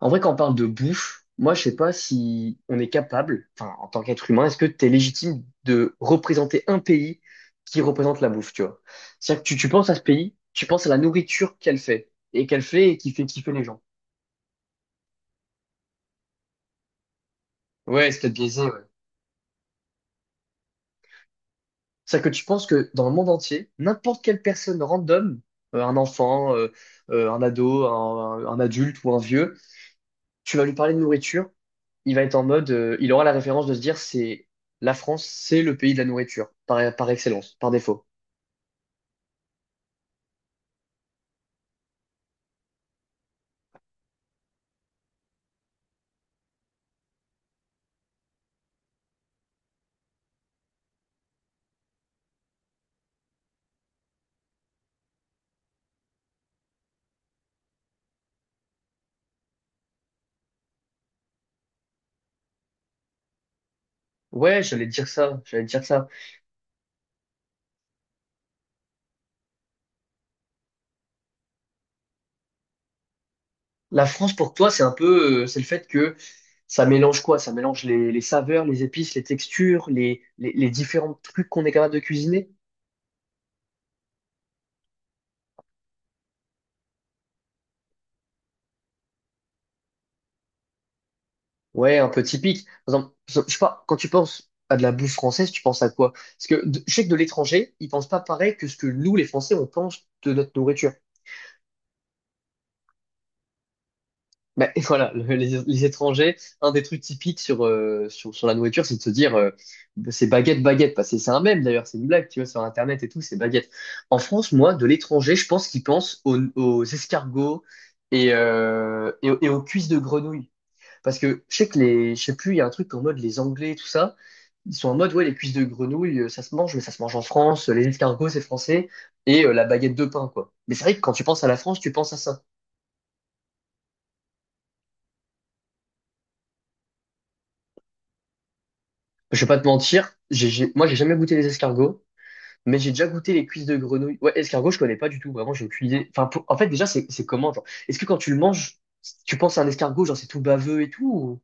En vrai, quand on parle de bouffe, moi, je sais pas si on est capable, enfin, en tant qu'être humain, est-ce que tu es légitime de représenter un pays qui représente la bouffe, tu vois? C'est-à-dire que tu penses à ce pays, tu penses à la nourriture qu'elle fait et qui fait kiffer les gens. Ouais, c'est peut-être biaisé, ouais. C'est-à-dire que tu penses que dans le monde entier, n'importe quelle personne random, un enfant, un ado, un adulte ou un vieux, tu vas lui parler de nourriture, il va être en mode, il aura la référence de se dire, c'est la France, c'est le pays de la nourriture, par excellence, par défaut. Ouais, j'allais te dire ça, j'allais te dire ça. La France, pour toi, c'est un peu, c'est le fait que ça mélange quoi? Ça mélange les saveurs, les épices, les textures, les différents trucs qu'on est capable de cuisiner. Ouais, un peu typique. Par exemple, je sais pas, quand tu penses à de la bouffe française, tu penses à quoi? Parce que je sais que de l'étranger, ils pensent pas pareil que ce que nous, les Français, on pense de notre nourriture. Ben, et voilà, les étrangers, un des trucs typiques sur la nourriture, c'est de se dire c'est baguette, baguette. Parce que c'est un mème d'ailleurs, c'est une blague, tu vois, sur Internet et tout, c'est baguette. En France, moi, de l'étranger, je pense qu'ils pensent aux escargots et aux cuisses de grenouille. Parce que je sais que je sais plus, il y a un truc en mode les Anglais, tout ça, ils sont en mode ouais, les cuisses de grenouille, ça se mange, mais ça se mange en France, les escargots, c'est français, et la baguette de pain, quoi. Mais c'est vrai que quand tu penses à la France, tu penses à ça. Je vais pas te mentir, moi j'ai jamais goûté les escargots, mais j'ai déjà goûté les cuisses de grenouille. Ouais, escargot, je connais pas du tout, vraiment, j'ai aucune idée. Enfin, en fait, déjà, c'est comment, genre, est-ce que quand tu le manges, tu penses à un escargot, genre c'est tout baveux et tout?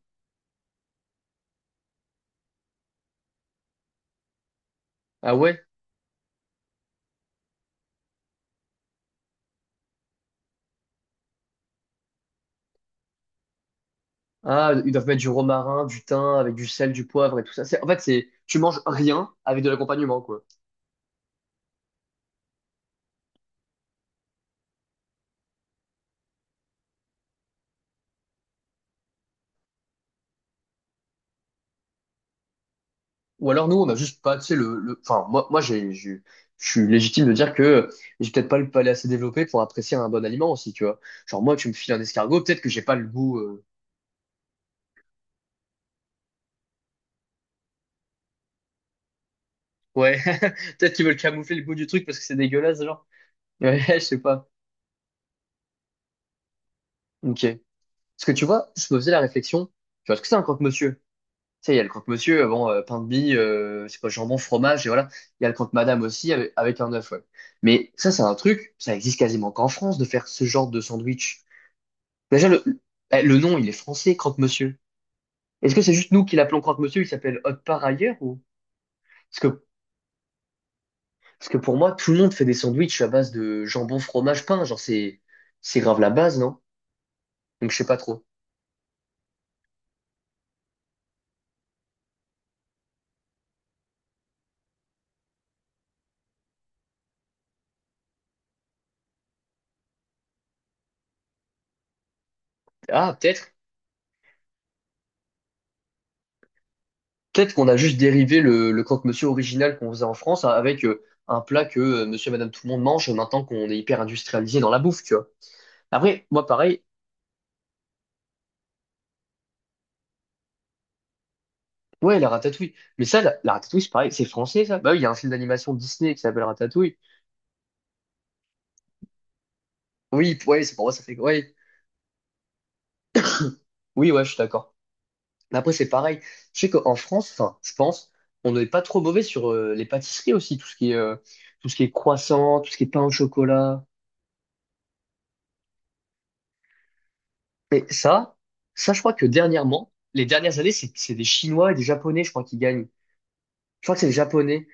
Ah ouais? Ah, ils doivent mettre du romarin, du thym, avec du sel, du poivre et tout ça. En fait, tu manges rien avec de l'accompagnement, quoi. Ou alors, nous, on a juste pas, tu sais, enfin, je suis légitime de dire que j'ai peut-être pas le palais assez développé pour apprécier un bon aliment aussi, tu vois. Genre, moi, tu me files un escargot, peut-être que j'ai pas le goût. Ouais, peut-être qu'ils veulent camoufler le goût du truc parce que c'est dégueulasse, genre. Ouais, je sais pas. Ok. Parce que tu vois, je me faisais la réflexion, tu vois, est-ce que c'est un croque-monsieur? Tu sais, il y a le croque-monsieur, bon, pain de mie, c'est quoi, jambon, fromage, et voilà. Il y a le croque-madame aussi avec un œuf, ouais. Mais ça, c'est un truc, ça existe quasiment qu'en France de faire ce genre de sandwich. Déjà, le nom, il est français, croque-monsieur. Est-ce que c'est juste nous qui l'appelons croque-monsieur, il s'appelle autre part ailleurs, ou? Parce que, parce que pour moi, tout le monde fait des sandwichs à base de jambon, fromage, pain, genre, c'est grave la base, non? Donc je sais pas trop. Ah, peut-être qu'on a juste dérivé le croque-monsieur original qu'on faisait en France avec un plat que monsieur et madame tout le monde mange maintenant qu'on est hyper industrialisé dans la bouffe, tu vois. Après, moi pareil, ouais, la ratatouille. Mais ça, la ratatouille, c'est pareil, c'est français ça. Bah oui, il y a un film d'animation Disney qui s'appelle Ratatouille. Oui, ouais, c'est pour moi ça fait ouais. Oui, ouais, je suis d'accord. Mais après, c'est pareil. Je sais qu'en France, enfin, je pense, on n'est pas trop mauvais sur les pâtisseries aussi, tout ce qui est tout ce qui est croissant, tout ce qui est pain au chocolat. Mais ça, je crois que dernièrement, les dernières années, c'est des Chinois et des Japonais, je crois, qui gagnent. Je crois que c'est les Japonais.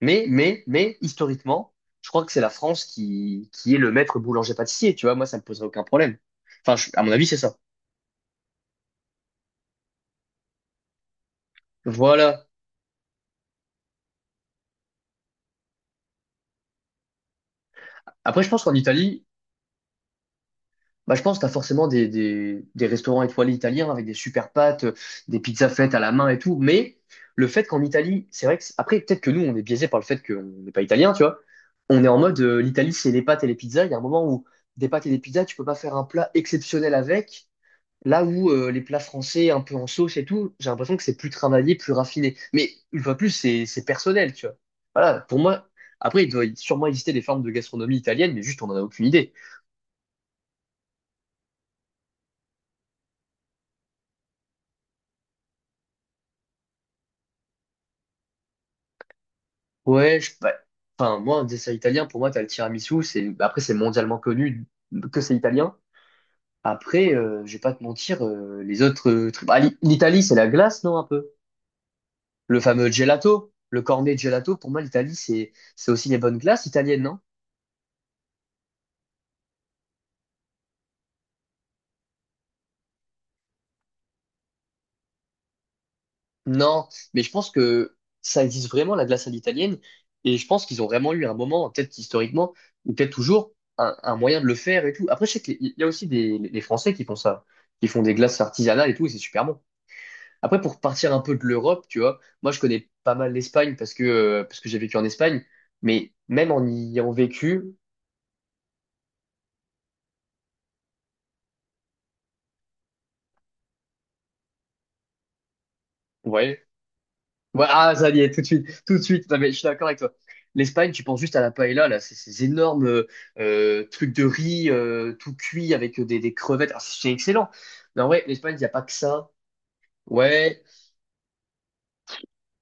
Mais, historiquement, je crois que c'est la France qui est le maître boulanger-pâtissier, tu vois. Moi, ça me poserait aucun problème. Enfin, à mon avis, c'est ça. Voilà. Après, je pense qu'en Italie, bah, je pense que tu as forcément des restaurants étoilés italiens avec des super pâtes, des pizzas faites à la main et tout. Mais le fait qu'en Italie, c'est vrai que, après, peut-être que nous, on est biaisé par le fait qu'on n'est pas italien, tu vois. On est en mode, l'Italie, c'est les pâtes et les pizzas. Il y a un moment où des pâtes et des pizzas, tu peux pas faire un plat exceptionnel avec. Là où les plats français, un peu en sauce et tout, j'ai l'impression que c'est plus travaillé, plus raffiné. Mais une fois de plus, c'est personnel, tu vois. Voilà, pour moi, après, il doit sûrement exister des formes de gastronomie italienne, mais juste, on n'en a aucune idée. Ouais, bah, enfin, moi, un dessert italien, pour moi, t'as le tiramisu, bah, après, c'est mondialement connu que c'est italien. Après, je vais pas te mentir, les autres trucs, bah, l'Italie, c'est la glace, non, un peu? Le fameux gelato, le cornet gelato, pour moi, l'Italie, c'est aussi les bonnes glaces italiennes, non? Non, mais je pense que ça existe vraiment, la glace à l'italienne, et je pense qu'ils ont vraiment eu un moment, peut-être historiquement, ou peut-être toujours, un moyen de le faire et tout. Après, je sais qu'il y a aussi les Français qui font ça, qui font des glaces artisanales et tout, et c'est super bon. Après, pour partir un peu de l'Europe, tu vois, moi je connais pas mal l'Espagne parce que j'ai vécu en Espagne, mais même en y ayant vécu, ouais, ouais, ah ça y est, tout de suite, tout de suite. Non mais je suis d'accord avec toi. L'Espagne, tu penses juste à la paella là, c'est ces énormes trucs de riz tout cuit avec des crevettes. Ah, c'est excellent. Non ouais, l'Espagne, il y a pas que ça. Ouais,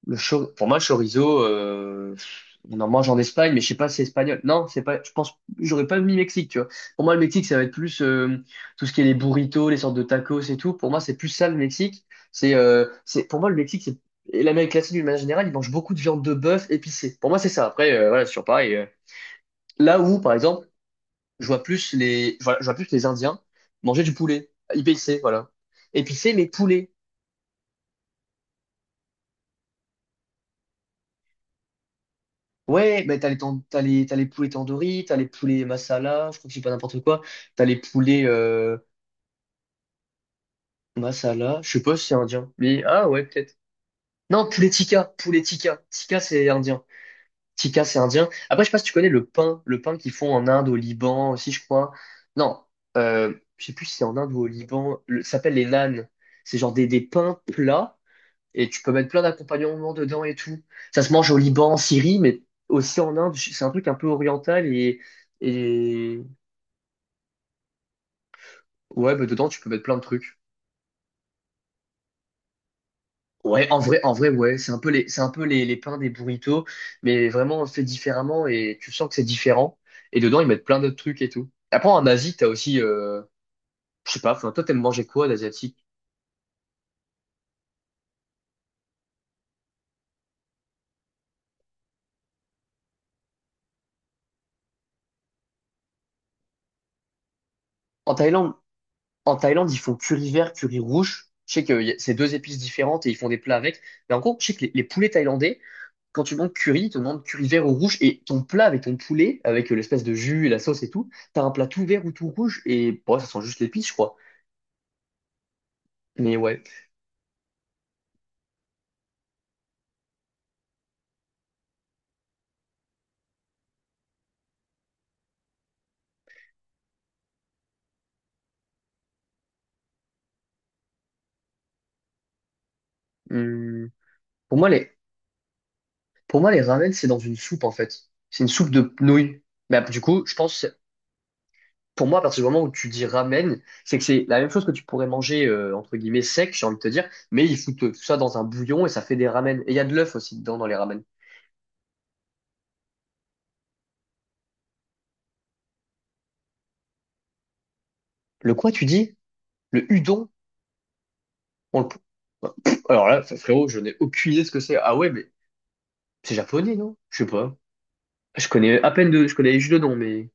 Pour moi, le chorizo, on en mange en Espagne, mais je sais pas si c'est espagnol. Non, c'est pas. Je pense, j'aurais pas mis Mexique, tu vois. Pour moi, le Mexique, ça va être plus tout ce qui est les burritos, les sortes de tacos et tout. Pour moi, c'est plus ça le Mexique. C'est, c'est. Pour moi, le Mexique, c'est et l'Amérique latine d'une manière générale, ils mangent beaucoup de viande de bœuf épicée. Pour moi, c'est ça. Après, voilà, sur pareil. Là où, par exemple, je vois plus je vois plus les Indiens manger du poulet épicé, voilà. Épicé, mais poulet. Ouais, mais t'as les poulets tandoori, t'as les poulets masala, je crois que j'ai pas n'importe quoi. T'as les poulets masala, je sais pas si c'est indien. Mais ah ouais, peut-être. Non, poulet tikka, poulet tikka. Tikka, c'est indien. Tikka, c'est indien. Après, je sais pas si tu connais le pain qu'ils font en Inde, au Liban aussi, je crois. Non, euh, je sais plus si c'est en Inde ou au Liban. Ça s'appelle les naans. C'est genre des pains plats et tu peux mettre plein d'accompagnements dedans et tout. Ça se mange au Liban, en Syrie, mais aussi en Inde. C'est un truc un peu oriental et... ouais, bah dedans, tu peux mettre plein de trucs. Ouais, en vrai, ouais, c'est un peu les, c'est un peu les pains des burritos, mais vraiment fait différemment et tu sens que c'est différent. Et dedans, ils mettent plein d'autres trucs et tout. Après, en Asie, t'as aussi, je sais pas, enfin, toi, t'aimes manger quoi d'asiatique? En Thaïlande, en Thaïlande, ils font curry vert, curry rouge. Je sais que c'est deux épices différentes et ils font des plats avec. Mais en gros, je sais que les poulets thaïlandais, quand tu manges curry, tu demandes curry vert ou rouge, et ton plat avec ton poulet, avec l'espèce de jus et la sauce et tout, t'as un plat tout vert ou tout rouge, et bon, ça sent juste l'épice, je crois. Mais ouais. Hum, Pour moi, les, pour moi, les ramen, c'est dans une soupe, en fait. C'est une soupe de nouilles. Mais après, du coup, je pense, pour moi, à partir du moment où tu dis ramen, c'est que c'est la même chose que tu pourrais manger, entre guillemets, sec, j'ai envie de te dire, mais ils foutent tout ça dans un bouillon et ça fait des ramen. Et il y a de l'œuf aussi dedans, dans les ramen. Le quoi, tu dis? Le udon? On le... Alors là, frérot, je n'ai aucune idée de ce que c'est. Ah ouais, mais c'est japonais, non? Je sais pas. Je connais à peine je connais juste le nom.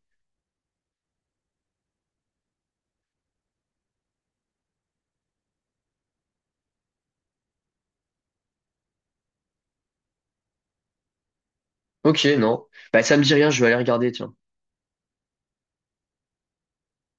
Ok, non. Bah, ça me dit rien, je vais aller regarder, tiens.